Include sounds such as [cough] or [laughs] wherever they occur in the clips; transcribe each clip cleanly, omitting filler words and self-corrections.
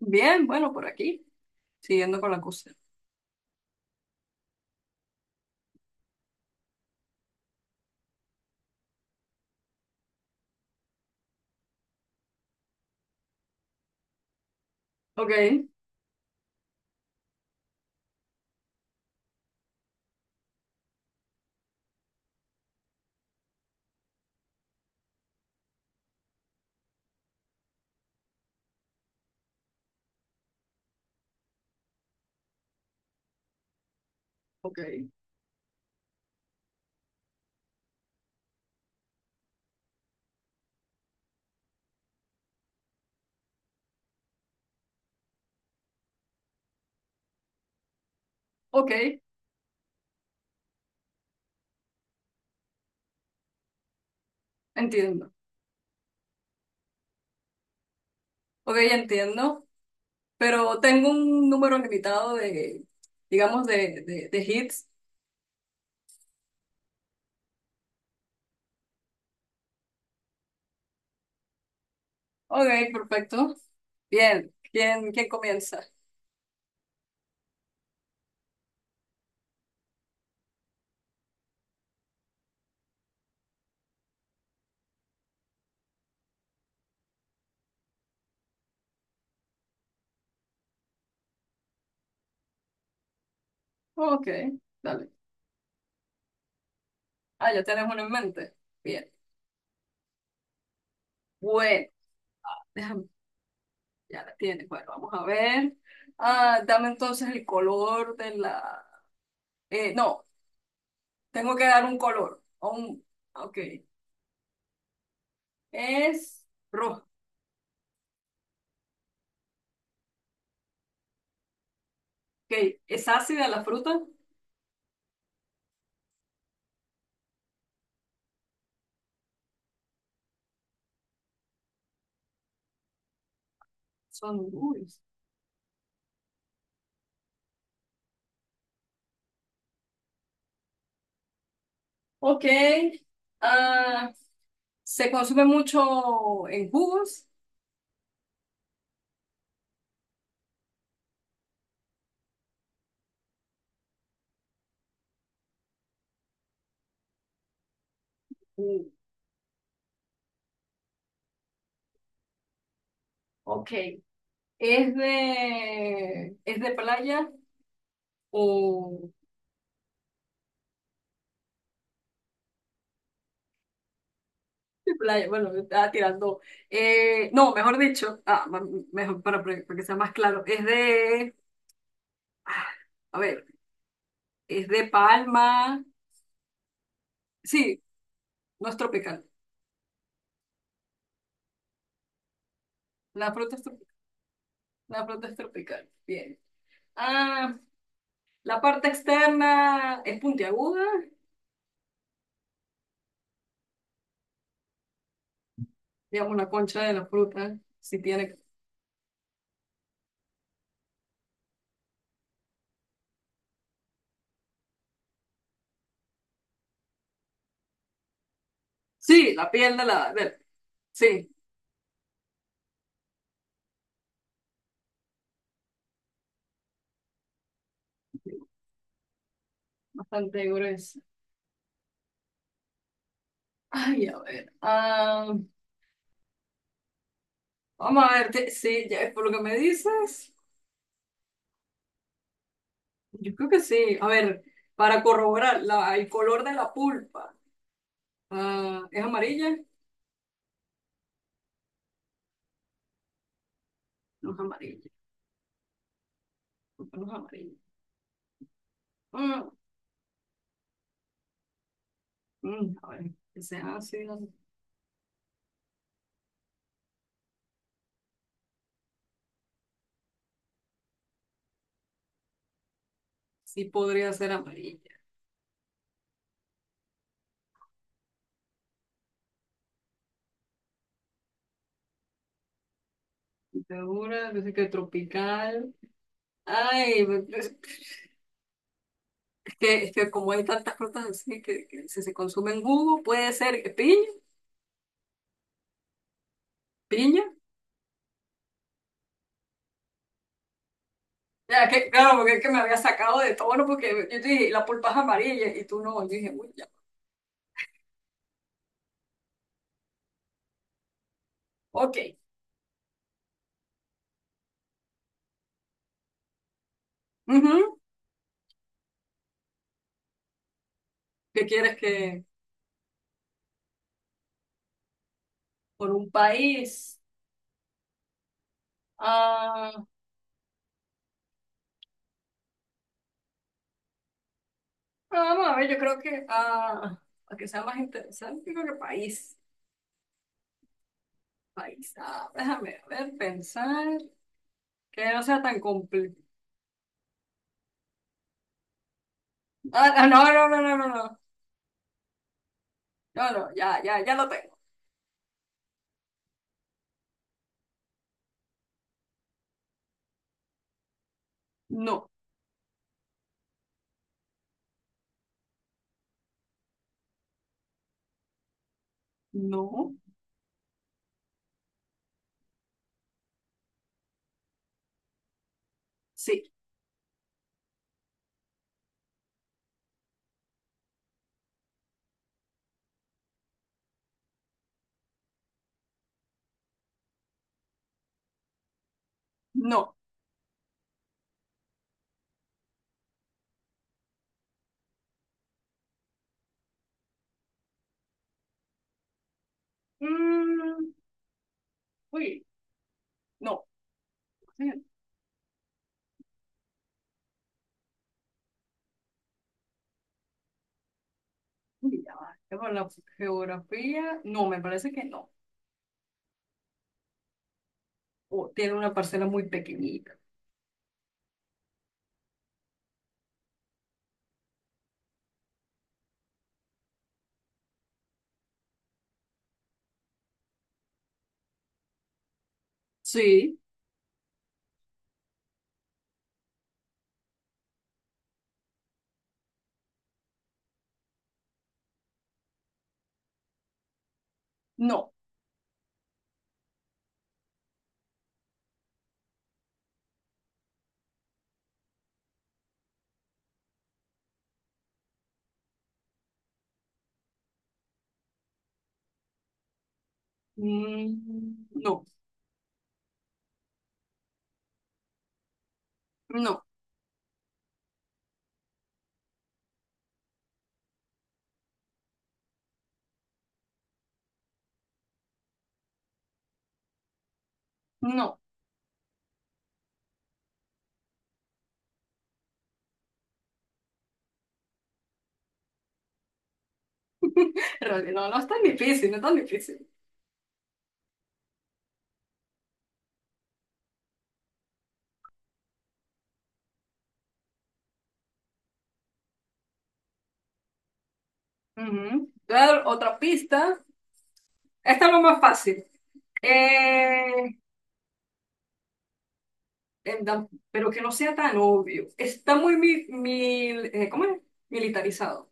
Bien, bueno, por aquí, siguiendo con la cosa. Ok, ok, ok, entiendo. Ok, entiendo, pero tengo un número limitado de, digamos, de hits. Ok, perfecto. Bien, ¿quién comienza? Ok, dale. Ah, ya tienes uno en mente. Bien. Bueno, déjame, ya la tienes. Bueno, vamos a ver. Ah, dame entonces el color de la... no, tengo que dar un color. Un... Ok, es rojo. Ok, ¿es ácida la fruta? Son jugos. Ok. ah, ¿se consume mucho en jugos? Mm, Ok. Es de playa o de playa? Bueno, estaba tirando. No, mejor dicho, mejor para que sea más claro, es de, ah, a ver, es de palma. Sí, no es tropical. La fruta es tropical. La fruta es tropical. Bien. Ah, La parte externa es puntiaguda, digamos la concha de la fruta, si tiene... Sí, la piel de la... sí, bastante gruesa. Ay, a ver. Vamos a ver, sí, ya, por lo que me dices, yo creo que sí. A ver, para corroborar, la, el color de la pulpa, ¿es amarilla? No es amarilla, pulpa no es amarilla. Mm, a ver, que sea ácida, sí podría ser amarilla. Segura, yo sé que tropical. Ay, pues, que como hay tantas frutas así que si se consume en jugo, puede ser que piña, piña. Ya, que, claro, porque es que me había sacado de tono, porque yo te dije, la pulpa es amarilla y tú no. Yo dije, uy, ya. Ok. Ujú. ¿Qué quieres que por un país? Ah, ah, vamos a ver, yo creo que para que sea más interesante, yo creo que país. País. Ah, déjame a ver, pensar. Que no sea tan complicado. Ah, ah, no, no, no, no, no, no. No, no, ya, ya, ya lo tengo. No, no. Sí. No. Mm, uy, no. Eh, uy, ya va. Ya por la geografía, no, me parece que no. O tiene una parcela muy pequeñita. Sí, no. Mm, no, no, no. En realidad, no, no es tan difícil, no es tan difícil. Ujú. Te voy a dar otra pista. Esta es lo más fácil. Eh, en pero que no sea tan obvio. Está ¿cómo es? Militarizado.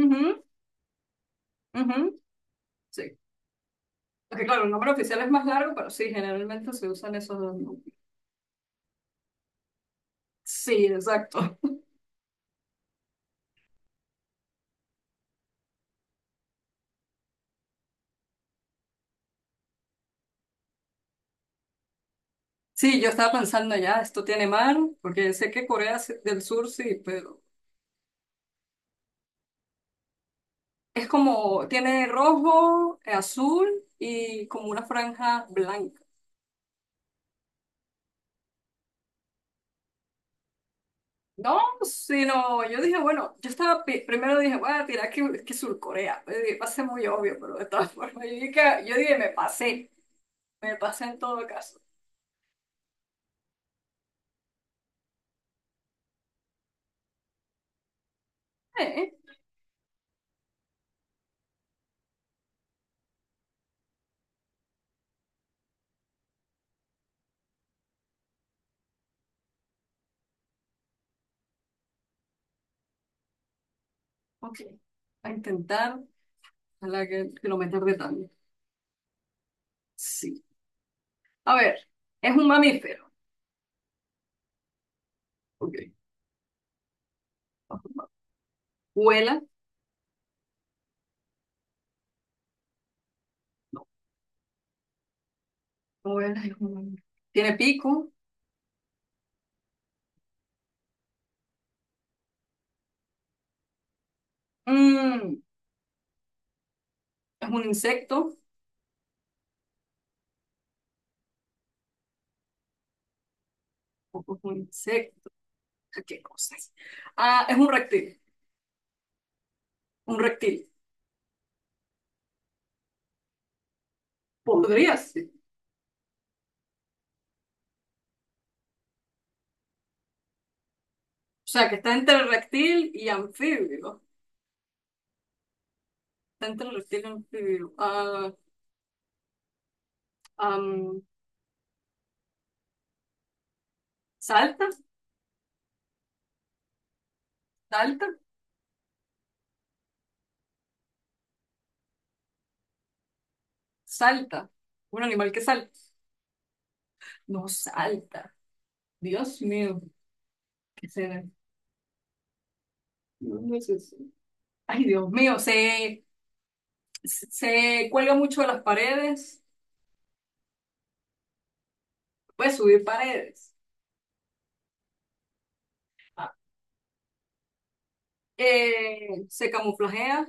Ujú, ujú. Sí. Porque claro, el nombre oficial es más largo, pero sí, generalmente se usan esos dos nombres. Sí, exacto. Sí, yo estaba pensando ya, esto tiene mar, porque sé que Corea del Sur sí, pero es como, tiene rojo, azul y como una franja blanca. No, sino, yo dije, bueno, yo estaba, primero dije, voy a tirar que Sur Corea. Pues dije, va a ser muy obvio, pero de todas [laughs] formas, yo dije, me pasé en todo caso. Eh, eh, ok, a intentar, a la que lo me tarde tanto. Sí. A ver, es un mamífero. Ok. Ajá. Vuela. No. No vuela, es un mamífero. Tiene pico. Mm, es un insecto. Ojo, es un insecto. ¿Qué cosas? Ah, es un reptil. Un reptil. Podría ser. O sea, que está entre reptil y anfibio. Está entre reptil y anfibio. Am, ¿Salta? ¿Salta? ¿Salta? Un animal que salta. No salta. Dios mío. ¿Qué será? No, no es eso. Ay, Dios mío, sé. Se cuelga mucho de las paredes, puede subir paredes. Ah. Se camuflajea,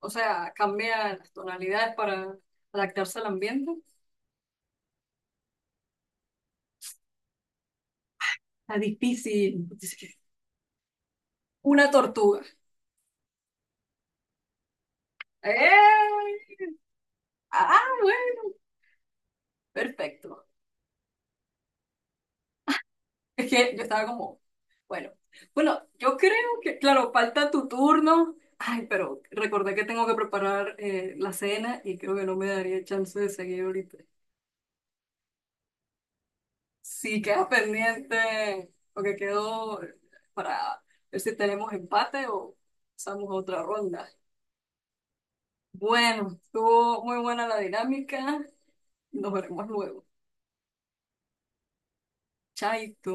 o sea, cambia las tonalidades para adaptarse al ambiente. Es difícil. Una tortuga. ¡Eh! Ah, bueno, perfecto. Es que yo estaba como, bueno, bueno, yo creo que, claro, falta tu turno. Ay, pero recordé que tengo que preparar la cena y creo que no me daría chance de seguir ahorita. Sí, queda pendiente, porque quedó para ver si tenemos empate o pasamos a otra ronda. Bueno, estuvo muy buena la dinámica. Nos veremos luego. Chaito.